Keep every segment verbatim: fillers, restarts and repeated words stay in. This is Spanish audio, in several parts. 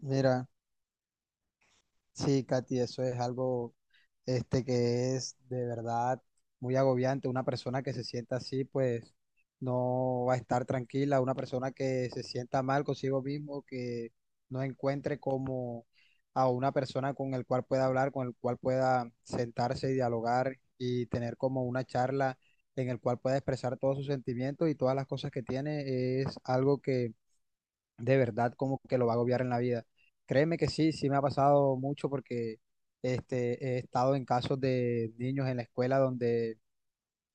Mira, sí, Katy, eso es algo este que es de verdad muy agobiante. Una persona que se sienta así, pues no va a estar tranquila. Una persona que se sienta mal consigo mismo, que no encuentre como a una persona con el cual pueda hablar, con el cual pueda sentarse y dialogar y tener como una charla en el cual pueda expresar todos sus sentimientos y todas las cosas que tiene, es algo que de verdad como que lo va a agobiar en la vida. Créeme que sí, sí me ha pasado mucho porque este, he estado en casos de niños en la escuela donde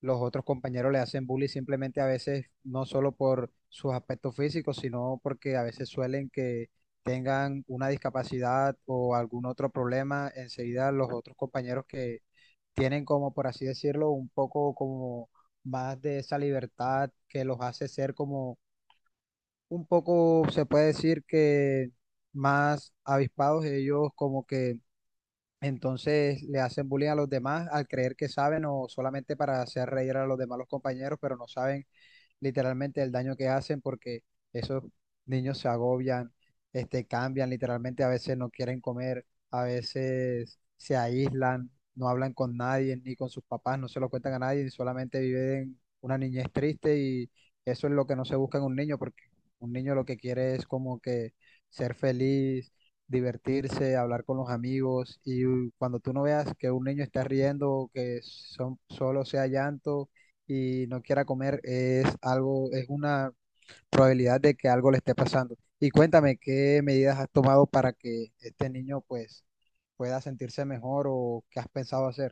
los otros compañeros le hacen bullying simplemente a veces no solo por sus aspectos físicos, sino porque a veces suelen que tengan una discapacidad o algún otro problema, enseguida los otros compañeros que tienen como, por así decirlo, un poco como más de esa libertad que los hace ser como un poco, se puede decir que más avispados ellos como que entonces le hacen bullying a los demás al creer que saben o solamente para hacer reír a los demás los compañeros, pero no saben literalmente el daño que hacen porque esos niños se agobian, este, cambian, literalmente a veces no quieren comer, a veces se aíslan, no hablan con nadie, ni con sus papás, no se lo cuentan a nadie, solamente viven una niñez triste y eso es lo que no se busca en un niño porque un niño lo que quiere es como que ser feliz divertirse, hablar con los amigos y cuando tú no veas que un niño está riendo, que son, solo sea llanto, y no quiera comer, es algo, es una probabilidad de que algo le esté pasando. Y cuéntame, ¿qué medidas has tomado para que este niño pues pueda sentirse mejor o qué has pensado hacer?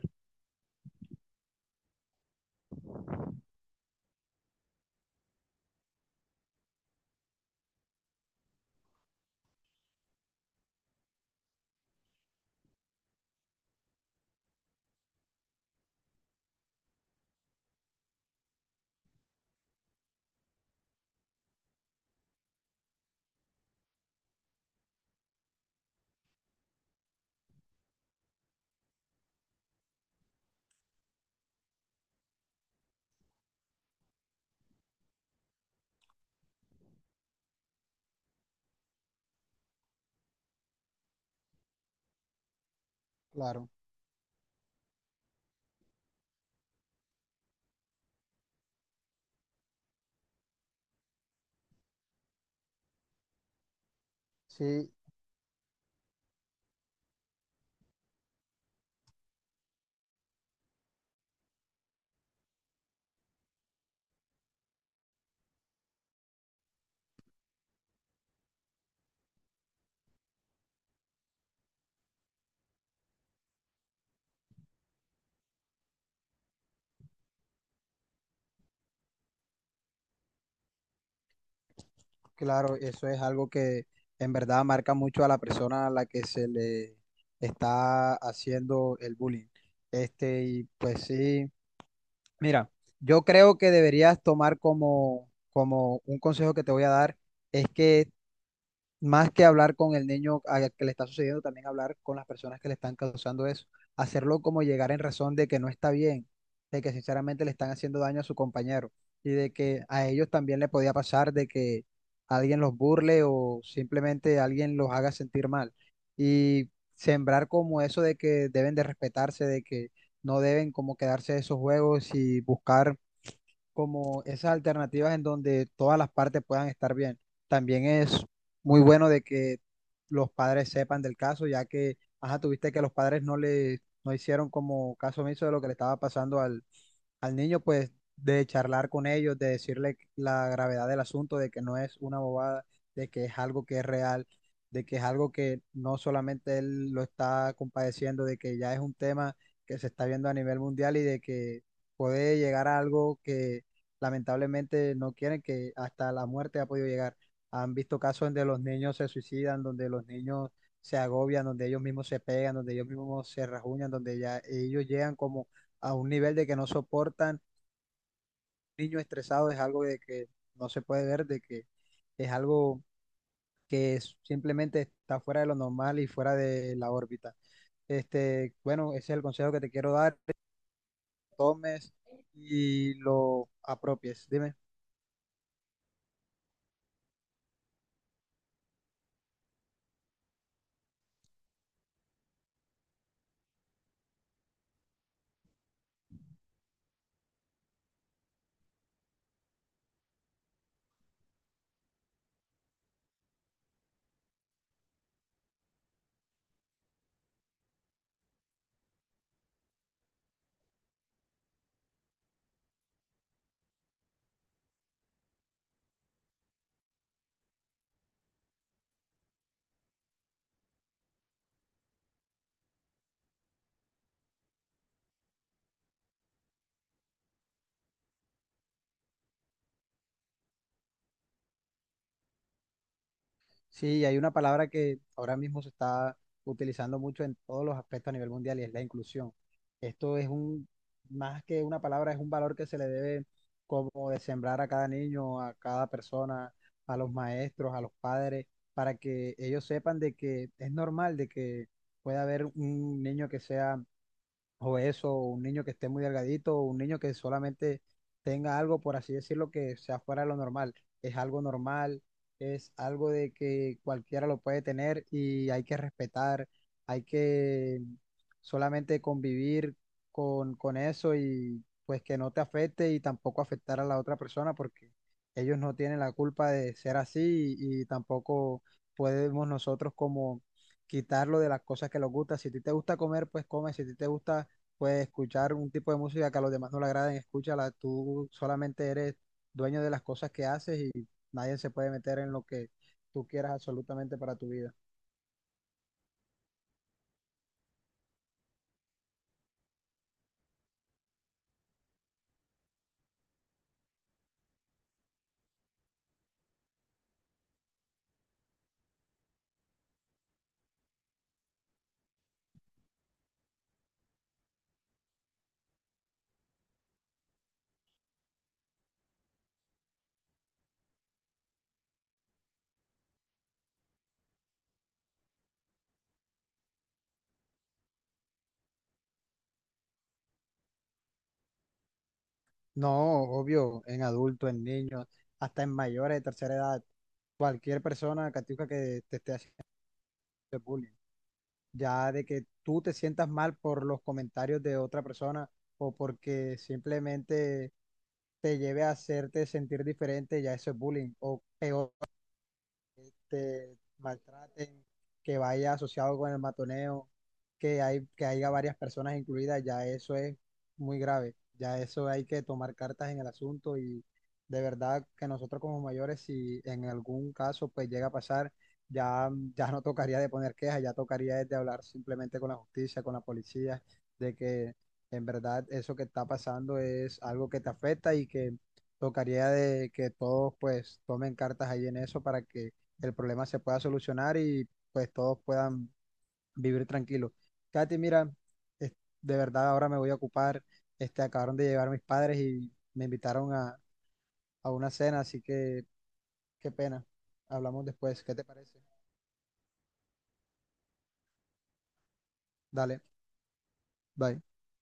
Claro, sí, claro, eso es algo que en verdad marca mucho a la persona a la que se le está haciendo el bullying. Este, y pues sí, mira, yo creo que deberías tomar como, como un consejo que te voy a dar, es que más que hablar con el niño al que le está sucediendo, también hablar con las personas que le están causando eso. Hacerlo como llegar en razón de que no está bien, de que sinceramente le están haciendo daño a su compañero y de que a ellos también le podía pasar de que alguien los burle o simplemente alguien los haga sentir mal. Y sembrar como eso de que deben de respetarse, de que no deben como quedarse de esos juegos y buscar como esas alternativas en donde todas las partes puedan estar bien. También es muy bueno de que los padres sepan del caso, ya que, ajá, tuviste que los padres no le, no hicieron como caso omiso de lo que le estaba pasando al, al niño, pues, de charlar con ellos, de decirle la gravedad del asunto, de que no es una bobada, de que es algo que es real, de que es algo que no solamente él lo está compadeciendo, de que ya es un tema que se está viendo a nivel mundial y de que puede llegar a algo que lamentablemente no quieren, que hasta la muerte ha podido llegar. Han visto casos donde los niños se suicidan, donde los niños se agobian, donde ellos mismos se pegan, donde ellos mismos se rajuñan, donde ya ellos llegan como a un nivel de que no soportan. Niños estresados es algo de que no se puede ver, de que es algo que es- simplemente está fuera de lo normal y fuera de la órbita. Este, bueno, ese es el consejo que te quiero dar, que tomes y lo apropies. Dime. Sí, y hay una palabra que ahora mismo se está utilizando mucho en todos los aspectos a nivel mundial y es la inclusión. Esto es un, más que una palabra, es un valor que se le debe como de sembrar a cada niño, a cada persona, a los maestros, a los padres, para que ellos sepan de que es normal de que pueda haber un niño que sea o eso, un niño que esté muy delgadito, o un niño que solamente tenga algo, por así decirlo, que sea fuera de lo normal. Es algo normal, es algo de que cualquiera lo puede tener y hay que respetar, hay que solamente convivir con, con eso y pues que no te afecte y tampoco afectar a la otra persona porque ellos no tienen la culpa de ser así y, y tampoco podemos nosotros como quitarlo de las cosas que les gusta. Si a ti te gusta comer, pues come. Si a ti te gusta pues escuchar un tipo de música que a los demás no le agraden, escúchala, tú solamente eres dueño de las cosas que haces y nadie se puede meter en lo que tú quieras absolutamente para tu vida. No, obvio, en adultos, en niños, hasta en mayores de tercera edad, cualquier persona, Catiuca, que te esté haciendo bullying, ya de que tú te sientas mal por los comentarios de otra persona o porque simplemente te lleve a hacerte sentir diferente, ya eso es bullying, o peor te maltraten, que vaya asociado con el matoneo, que, hay, que haya varias personas incluidas, ya eso es muy grave. Ya eso hay que tomar cartas en el asunto y de verdad que nosotros como mayores, si en algún caso pues llega a pasar, ya, ya no tocaría de poner quejas, ya tocaría es de hablar simplemente con la justicia, con la policía, de que en verdad eso que está pasando es algo que te afecta y que tocaría de que todos pues tomen cartas ahí en eso para que el problema se pueda solucionar y pues todos puedan vivir tranquilos. Katy, mira, es- de verdad ahora me voy a ocupar, este, acabaron de llegar mis padres y me invitaron a, a una cena, así que qué pena. Hablamos después, ¿qué te parece? Dale, bye.